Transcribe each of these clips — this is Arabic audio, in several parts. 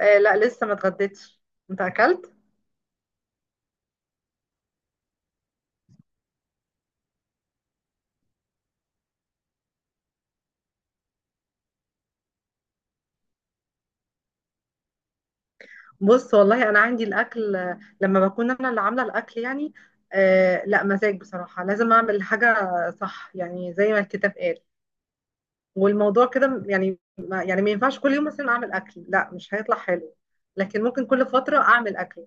آه، لا لسه ما اتغديتش. انت اكلت؟ بص والله انا عندي الاكل آه، لما بكون انا اللي عامله الاكل يعني. آه لا، مزاج بصراحه، لازم اعمل حاجه صح، يعني زي ما الكتاب قال. والموضوع كده يعني ما ينفعش كل يوم مثلا اعمل اكل، لا مش هيطلع حلو. لكن ممكن كل فتره اعمل اكل.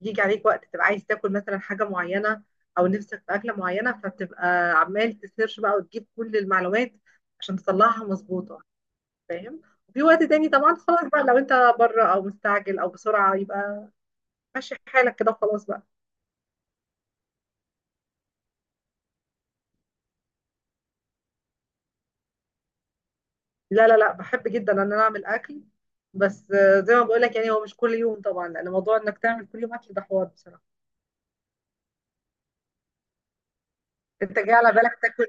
يجي عليك وقت تبقى عايز تاكل مثلا حاجه معينه او نفسك في اكله معينه، فبتبقى عمال تسيرش بقى وتجيب كل المعلومات عشان تطلعها مظبوطه، فاهم؟ وفي وقت تاني طبعا خلاص بقى، لو انت بره او مستعجل او بسرعه، يبقى ماشي حالك كده وخلاص بقى. لا لا لا، بحب جدا ان انا اعمل اكل. بس آه، زي ما بقول لك يعني، هو مش كل يوم طبعا، لان موضوع انك تعمل كل يوم اكل ده حوار بصراحه. انت جاي على بالك تاكل،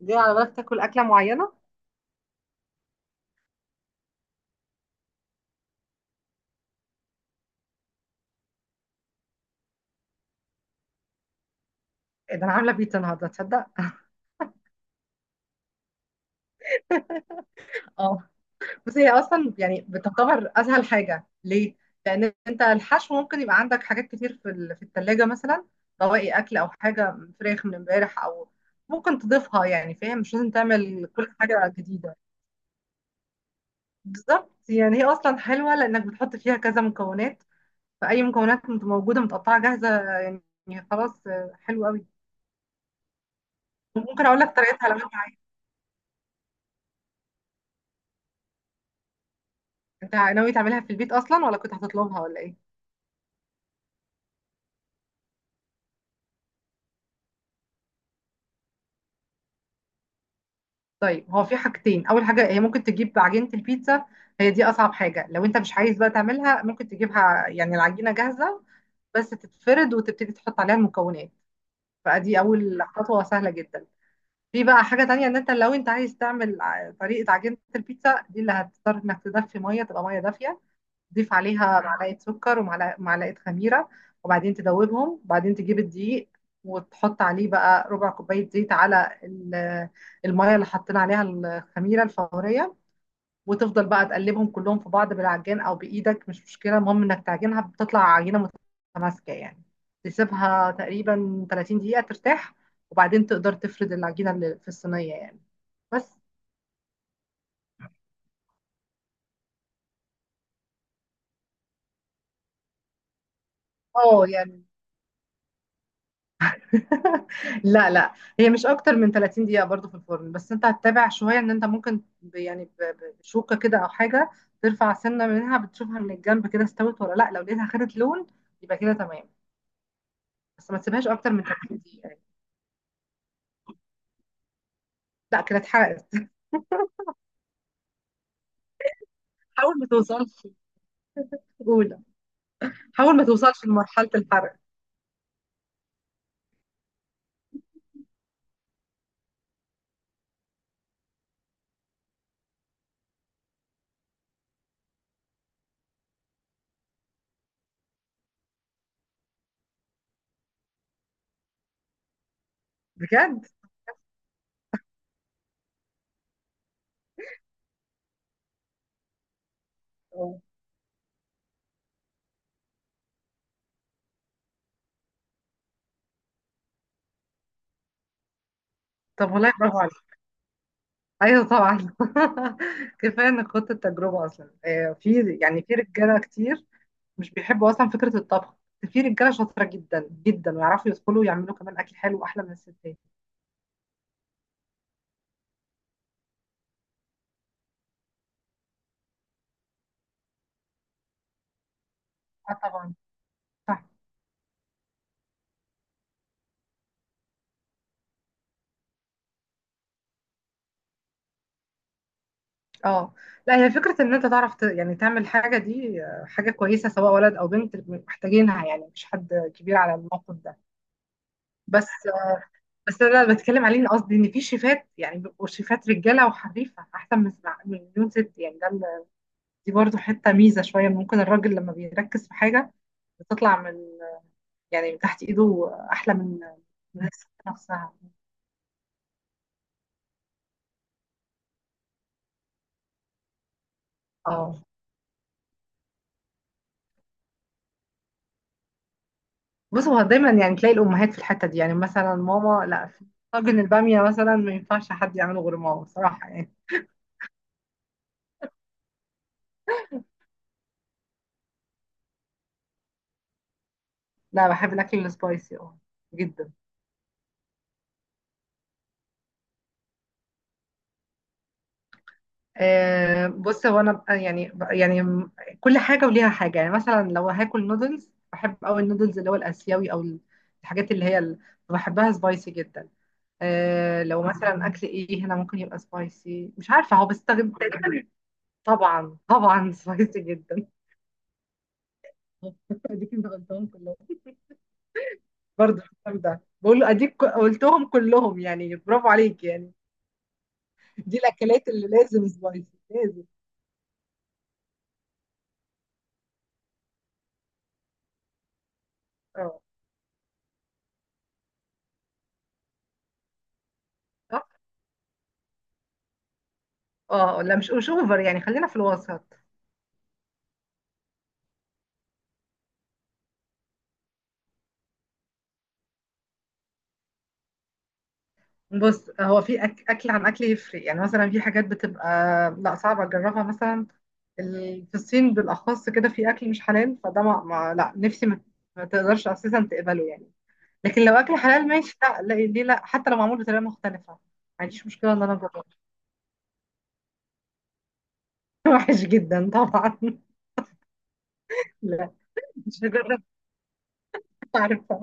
جاي على بالك تاكل اكله معينه. إيه ده، انا عامله بيتزا النهارده، تصدق؟ بس هي اصلا يعني بتعتبر اسهل حاجه ليه، لان انت الحشو ممكن يبقى عندك حاجات كتير في الثلاجه مثلا، بواقي اكل او حاجه فراخ من امبارح او ممكن تضيفها يعني، فاهم؟ مش لازم تعمل كل حاجه جديده. بالظبط، يعني هي اصلا حلوه لانك بتحط فيها كذا مكونات، فاي مكونات موجوده متقطعه جاهزه يعني خلاص آه، حلو قوي. ممكن اقول لك طريقتها لو انت عايز. انت ناوي تعملها في البيت اصلا ولا كنت هتطلبها ولا ايه؟ طيب، هو في حاجتين. اول حاجه، هي ممكن تجيب عجينه البيتزا، هي دي اصعب حاجه. لو انت مش عايز بقى تعملها، ممكن تجيبها يعني العجينه جاهزه، بس تتفرد وتبتدي تحط عليها المكونات. فدي اول خطوه سهله جدا. في بقى حاجه تانية، ان انت لو انت عايز تعمل طريقه عجينه البيتزا دي، اللي هتضطر انك تدفي ميه، تبقى ميه دافيه، تضيف عليها معلقة سكر ومعلقة خميرة، وبعدين تدوبهم، وبعدين تجيب الدقيق وتحط عليه بقى ربع كوباية زيت على المية اللي حطينا عليها الخميرة الفورية، وتفضل بقى تقلبهم كلهم في بعض بالعجان أو بإيدك مش مشكلة، المهم إنك تعجنها بتطلع عجينة متماسكة يعني. تسيبها تقريبا 30 دقيقة ترتاح، وبعدين تقدر تفرد العجينة اللي في الصينية يعني، بس. اه يعني، لا لا، هي مش اكتر من 30 دقيقة برضو في الفرن، بس انت هتتابع شوية. ان انت ممكن بشوكة كده او حاجة ترفع سنة منها، بتشوفها من الجنب كده استوت ولا لا. لو لقيتها خدت لون، يبقى كده تمام. بس ما تسيبهاش اكتر من 30 دقيقة يعني. لا كده اتحرقت. حاول ما توصلش اولى. حاول ما توصلش لمرحلة الحرق. بجد. أوه. طب والله برافو عليك. ايوه طبعا. كفايه انك خدت التجربه اصلا آه، في يعني في رجاله كتير مش بيحبوا اصلا فكره الطبخ، بس في رجاله شاطره جدا جدا ويعرفوا يدخلوا ويعملوا كمان اكل حلو واحلى من الستات. اه طبعا. صح. اه لا، هي فكره ان انت تعرف يعني تعمل حاجه دي آه، حاجه كويسه، سواء ولد او بنت محتاجينها يعني، مش حد كبير على الموقف ده. بس، بس انا اللي بتكلم عليه إن قصدي ان في شيفات، يعني بيبقوا شيفات رجاله وحريفه احسن من من مليون ست يعني. دي برضو حته ميزه شويه، ممكن الراجل لما بيركز في حاجه بتطلع من يعني من تحت ايده احلى من من الست نفسها. اه، بص هو دايما يعني تلاقي الامهات في الحته دي، يعني مثلا ماما لا، في طاجن الباميه مثلا ما ينفعش حد يعمله غير ماما بصراحه يعني. لا بحب الاكل السبايسي، اه، جدا. آه، بص هو انا كل حاجه وليها حاجه يعني. مثلا لو هاكل نودلز، بحب قوي النودلز اللي هو الاسيوي او الحاجات اللي هي اللي بحبها سبايسي جدا. آه لو مثلا اكل ايه هنا ممكن يبقى سبايسي، مش عارفه هو بستخدم تقريبا. طبعا طبعا سبايسي جدا. دي كنت غلطان كلهم. برضه الفطار ده، بقول له اديك قلتهم كلهم يعني، برافو عليك يعني. دي الاكلات اللي لازم سبايسي، لازم. اه، صح؟ اه لا مش مش اوفر يعني، خلينا في الوسط. بص هو في اكل عن اكل يفرق، يعني مثلا في حاجات بتبقى لا صعبه اجربها مثلا. في الصين بالاخص كده في اكل مش حلال، فده ما... ما... لا نفسي ما... ما تقدرش اساسا تقبله يعني. لكن لو اكل حلال ماشي، لا لا ليه، لا حتى لو معمول بطريقه مختلفه ما عنديش مشكله ان انا اجربه. وحش جدا طبعا. لا، مش هجرب. عارفة.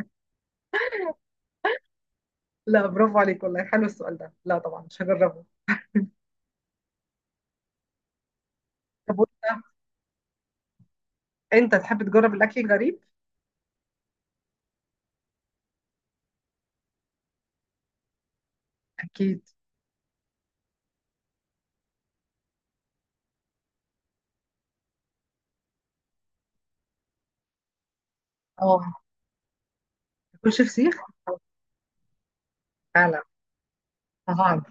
لا برافو عليك والله، حلو السؤال ده، لا طبعا مش هجربه. طب وإنت- انت تحب تجرب الاكل الغريب؟ اكيد. اه، تاكلش فسيخ. فعلا، طبعا.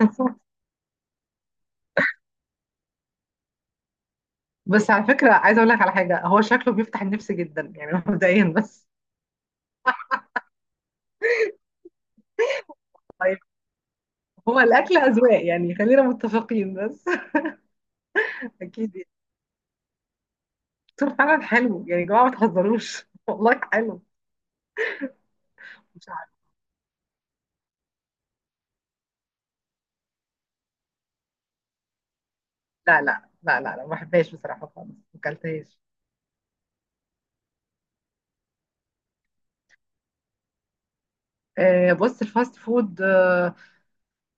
بس على فكرة عايزة اقول لك على حاجة، هو شكله بيفتح النفس جدا يعني مبدئيا بس. طيب، هو الاكل اذواق يعني، خلينا متفقين بس. اكيد يعني. طول، فعلا حلو يعني، يا جماعة ما تهزروش والله حلو. مش عارف. لا لا لا لا لا، ما بحبهاش بصراحة خالص، ما اكلتهاش. آه، بص الفاست فود آه،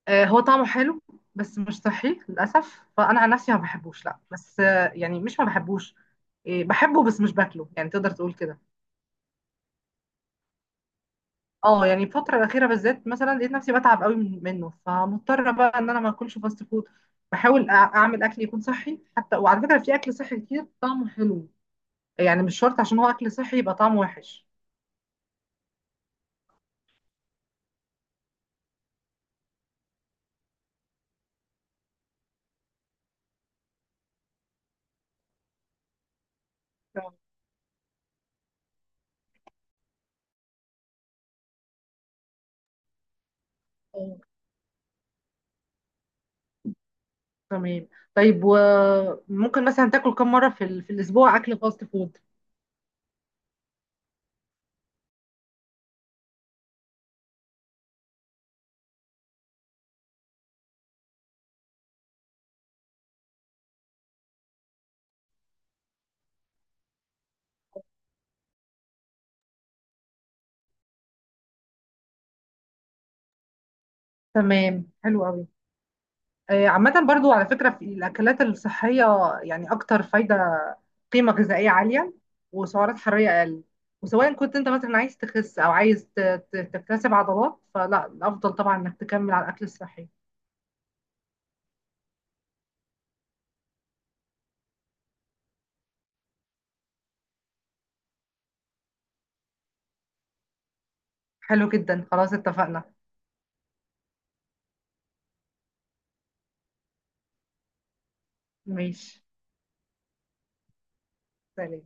آه، هو طعمه حلو بس مش صحي للأسف، فأنا عن نفسي ما بحبوش، لا بس آه، يعني مش ما بحبوش، إيه، بحبه بس مش باكله، يعني تقدر تقول كده. اه يعني الفترة الأخيرة بالذات مثلا لقيت نفسي بتعب قوي منه، فمضطرة بقى إن أنا ما أكلش فاست فود. بحاول أعمل أكل يكون صحي حتى. وعلى فكرة في أكل صحي كتير طعمه حلو، يعني مش شرط عشان هو أكل صحي يبقى طعمه وحش. آه. آه. تمام. طيب، وممكن مثلا تاكل كم مرة في الأسبوع أكل فاست فود؟ تمام، حلو قوي. آه، عامة برضو على فكرة في الأكلات الصحية يعني أكتر فايدة، قيمة غذائية عالية، وسعرات حرارية أقل. وسواء كنت أنت مثلا عايز تخس أو عايز تكتسب عضلات، فلا الأفضل طبعا إنك تكمل على الأكل الصحي. حلو جدا، خلاص اتفقنا. ماشي. سلام.